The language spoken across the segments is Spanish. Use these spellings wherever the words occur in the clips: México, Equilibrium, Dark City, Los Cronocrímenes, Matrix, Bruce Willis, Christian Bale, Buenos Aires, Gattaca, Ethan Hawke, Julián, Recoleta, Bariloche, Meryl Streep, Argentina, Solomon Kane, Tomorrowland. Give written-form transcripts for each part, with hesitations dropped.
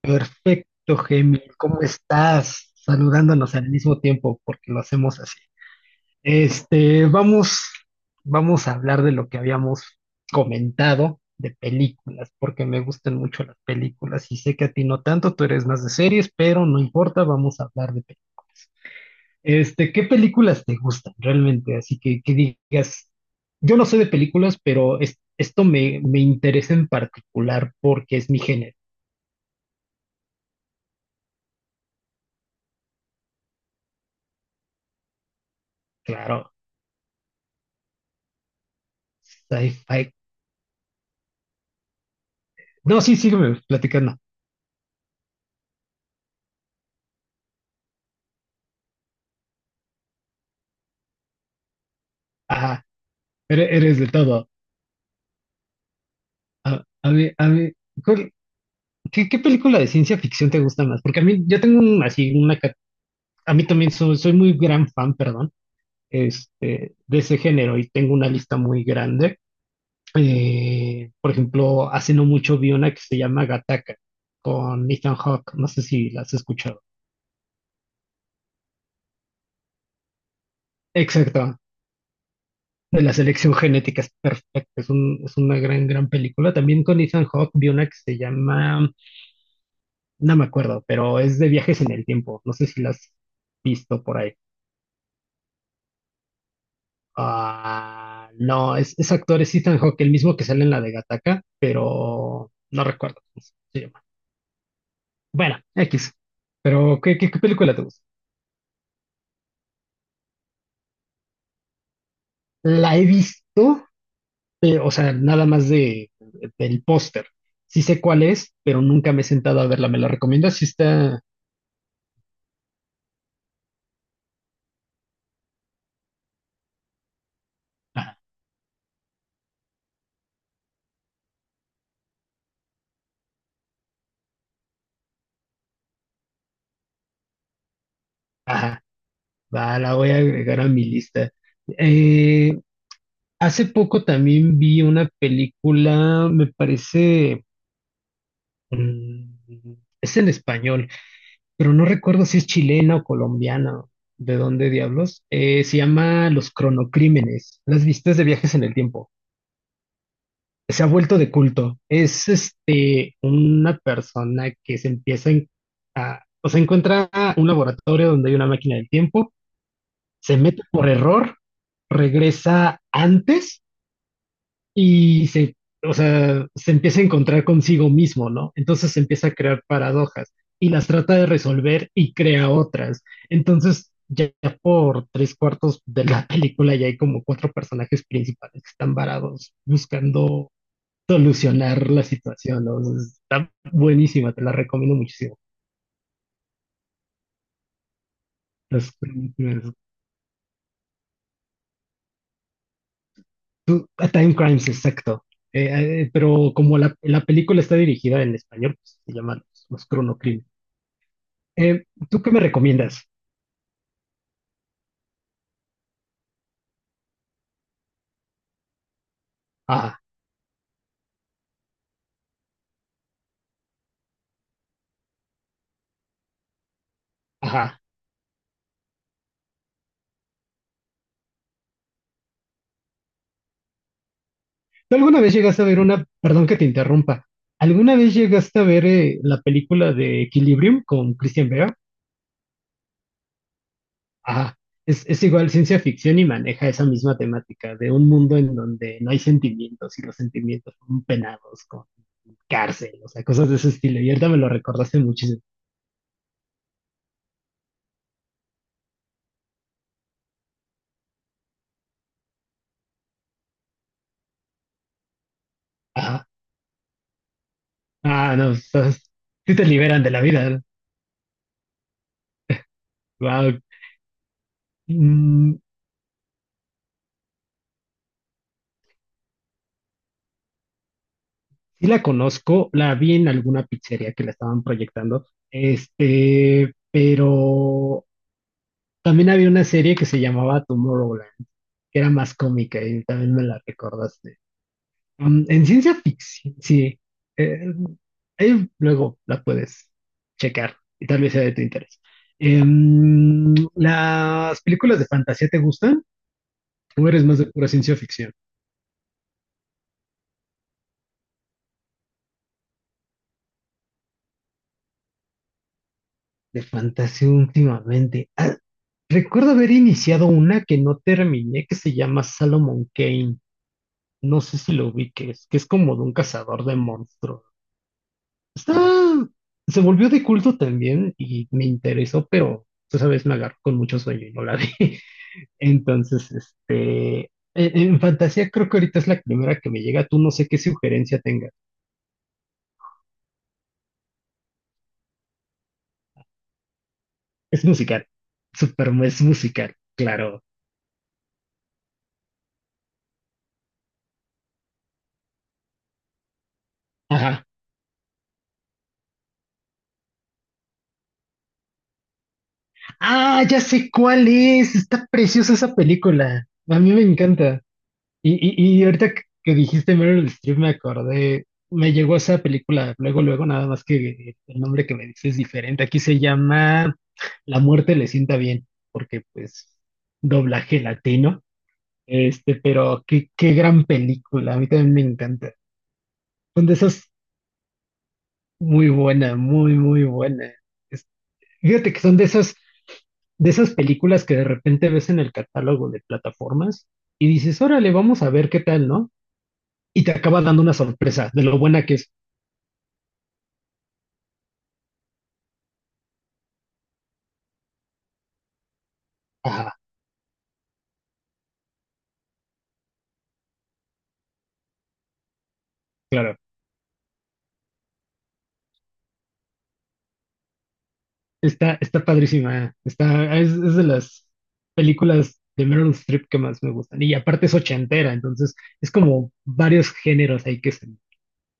Perfecto, Gemil, ¿cómo estás? Saludándonos al mismo tiempo porque lo hacemos así. Vamos a hablar de lo que habíamos comentado de películas, porque me gustan mucho las películas y sé que a ti no tanto, tú eres más de series, pero no importa, vamos a hablar de películas. ¿Qué películas te gustan realmente? Así que digas, yo no sé de películas, pero esto me interesa en particular porque es mi género. Claro, sci-fi. No, sí, sígueme platicando. Ajá, eres de todo. A mí, ¿cuál- ¿qué, qué película de ciencia ficción te gusta más? Porque a mí, yo tengo así una, a mí también soy, soy muy gran fan, perdón, de ese género, y tengo una lista muy grande. Por ejemplo, hace no mucho vi una que se llama Gattaca con Ethan Hawke. No sé si la has escuchado. Exacto, de la selección genética, es perfecta, es una gran, gran película. También con Ethan Hawke vi una que se llama, no me acuerdo, pero es de viajes en el tiempo. No sé si la has visto por ahí. Ah, no, es actor, es Ethan Hawke, el mismo que sale en la de Gattaca, pero no recuerdo cómo se llama. Bueno, X. Pero, ¿qué película te gusta? La he visto, pero, o sea, nada más del póster. Sí sé cuál es, pero nunca me he sentado a verla. ¿Me la recomiendas? Si está... ah, ajá, va, la voy a agregar a mi lista. Eh, Hace poco también vi una película, me parece, mm, es en español, pero no recuerdo si es chilena o colombiana, de dónde diablos. Se llama Los Cronocrímenes, las vistas de viajes en el tiempo. Se ha vuelto de culto. Es una persona que se a, o sea, encuentra un laboratorio donde hay una máquina del tiempo, se mete por error, regresa antes y se, o sea, se empieza a encontrar consigo mismo, ¿no? Entonces se empieza a crear paradojas y las trata de resolver y crea otras. Entonces, ya por tres cuartos de la película ya hay como cuatro personajes principales que están varados buscando solucionar la situación, ¿no? O sea, está buenísima, te la recomiendo muchísimo. Las- películas- A Time Crimes, exacto. Pero como la película está dirigida en español, pues, se llaman los Chrono Crimes. ¿Tú qué me recomiendas? Ajá, ajá. ¿Tú alguna vez llegaste a ver una, perdón que te interrumpa, ¿alguna vez llegaste a ver la película de Equilibrium con Christian Bale? Ajá, es igual ciencia ficción y maneja esa misma temática de un mundo en donde no hay sentimientos y los sentimientos son penados con cárcel, o sea, cosas de ese estilo. Y ahorita me lo recordaste muchísimo. Ajá, ah, no, estás- sí te liberan de la vida, ¿no? Wow. Sí la conozco, la vi en alguna pizzería que la estaban proyectando, este, pero también había una serie que se llamaba Tomorrowland, que era más cómica y también me la recordaste. Mm, en ciencia ficción, sí. eh, Ahí luego la puedes checar y tal vez sea de tu interés. ¿Las películas de fantasía te gustan o eres más de pura ciencia ficción? De fantasía últimamente. Ah, recuerdo haber iniciado una que no terminé, que se llama Salomon Kane. No sé si lo ubiques, que es como de un cazador de monstruos. Está, se volvió de culto también y me interesó, pero tú sabes, me agarró con mucho sueño y no la vi. Entonces, en fantasía creo que ahorita es la primera que me llega. Tú no sé qué sugerencia tenga. Es musical. Super, es musical, claro. Ajá. Ah, ya sé cuál es. Está preciosa esa película. A mí me encanta. Y ahorita que dijiste Meryl Streep me acordé. Me llegó esa película luego, luego, nada más que el nombre que me dices es diferente. Aquí se llama La muerte le sienta bien, porque pues doblaje latino. Pero qué, qué gran película. A mí también me encanta. Son de esas muy buena, muy, muy buena. Es- Fíjate que son de esas películas que de repente ves en el catálogo de plataformas y dices, órale, vamos a ver qué tal, ¿no? Y te acaba dando una sorpresa de lo buena que es. Ajá, claro, está, está padrísima, eh. Está, es de las películas de Meryl Streep que más me gustan. Y aparte es ochentera, entonces es como varios géneros ahí que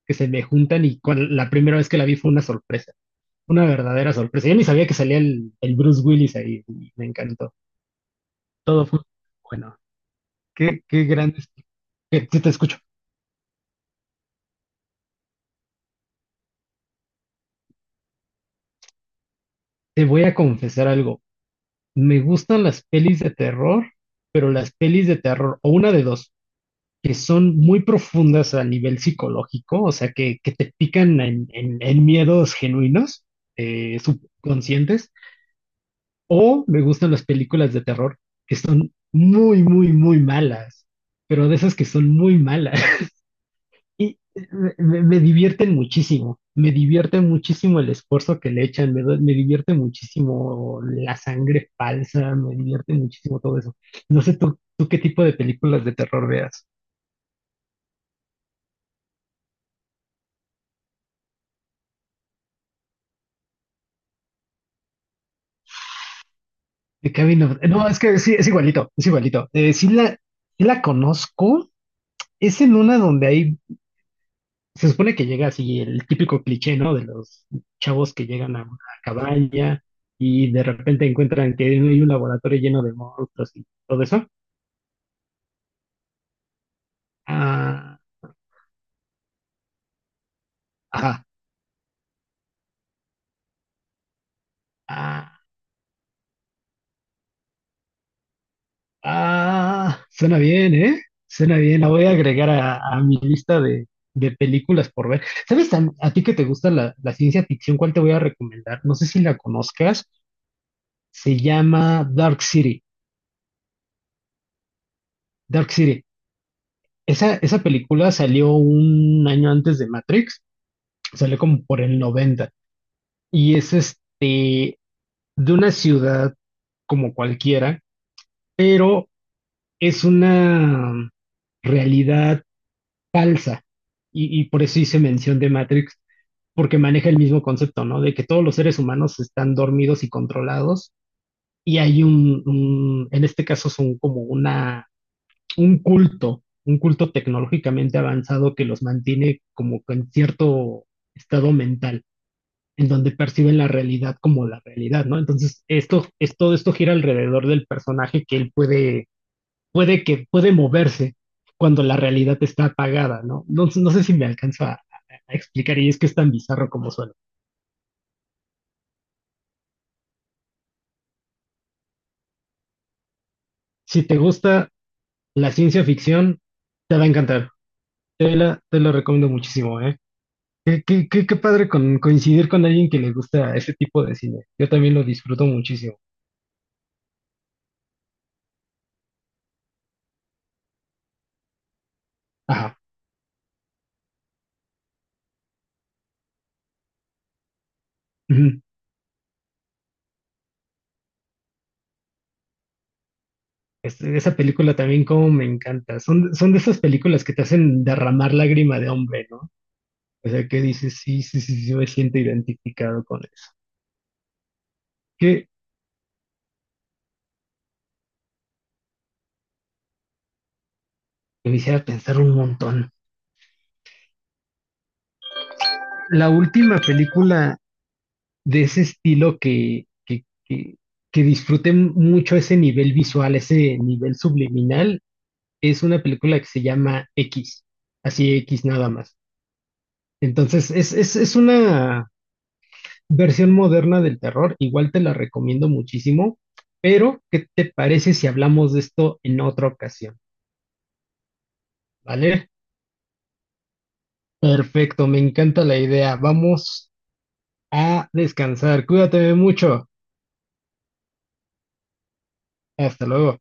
que se me juntan y la primera vez que la vi fue una sorpresa, una verdadera sorpresa. Yo ni sabía que salía el Bruce Willis ahí y me encantó. Todo fue bueno. Qué, qué grandes. Sí te escucho. Te voy a confesar algo. Me gustan las pelis de terror, pero las pelis de terror, o una de dos, que son muy profundas a nivel psicológico, o sea, que te pican en miedos genuinos, subconscientes, o me gustan las películas de terror que son muy, muy, muy malas, pero de esas que son muy malas. Y Me divierten muchísimo, me divierte muchísimo el esfuerzo que le echan, me divierte muchísimo la sangre falsa, me divierte muchísimo todo eso. No sé tú, tú qué tipo de películas de terror veas. The Cabin of- No, es que sí, es igualito, es igualito. Sí la, sí la conozco, es en una donde hay, se supone que llega así el típico cliché, ¿no? De los chavos que llegan a una cabaña y de repente encuentran que hay un laboratorio lleno de monstruos y todo eso. Ah, ajá. Ah, ah, suena bien, ¿eh? Suena bien. La voy a agregar a mi lista de películas por ver. ¿Sabes a ti que te gusta la ciencia ficción? ¿Cuál te voy a recomendar? No sé si la conozcas. Se llama Dark City. Dark City. Esa película salió un año antes de Matrix. Salió como por el 90, y es de una ciudad como cualquiera, pero es una realidad falsa. Y por eso hice mención de Matrix, porque maneja el mismo concepto, ¿no? De que todos los seres humanos están dormidos y controlados, y hay un, en este caso son como una, un culto tecnológicamente avanzado que los mantiene como en cierto estado mental, en donde perciben la realidad como la realidad, ¿no? Entonces, esto, es, todo esto gira alrededor del personaje que él puede, puede que puede moverse cuando la realidad está apagada, ¿no? No, no sé si me alcanzo a explicar, y es que es tan bizarro como suena. Si te gusta la ciencia ficción, te va a encantar. Te lo recomiendo muchísimo, ¿eh? Qué padre coincidir con alguien que le gusta ese tipo de cine. Yo también lo disfruto muchísimo. Ajá, ujú. Esa película también como me encanta. Son, son de esas películas que te hacen derramar lágrima de hombre, ¿no? O sea, que dices, sí, sí, sí, sí, me siento identificado con eso. Me hiciera pensar un montón. La última película de ese estilo que disfruté mucho ese nivel visual, ese nivel subliminal, es una película que se llama X, así X nada más. Entonces, es una versión moderna del terror, igual te la recomiendo muchísimo, pero ¿qué te parece si hablamos de esto en otra ocasión? ¿Vale? Perfecto, me encanta la idea. Vamos a descansar. Cuídate mucho. Hasta luego.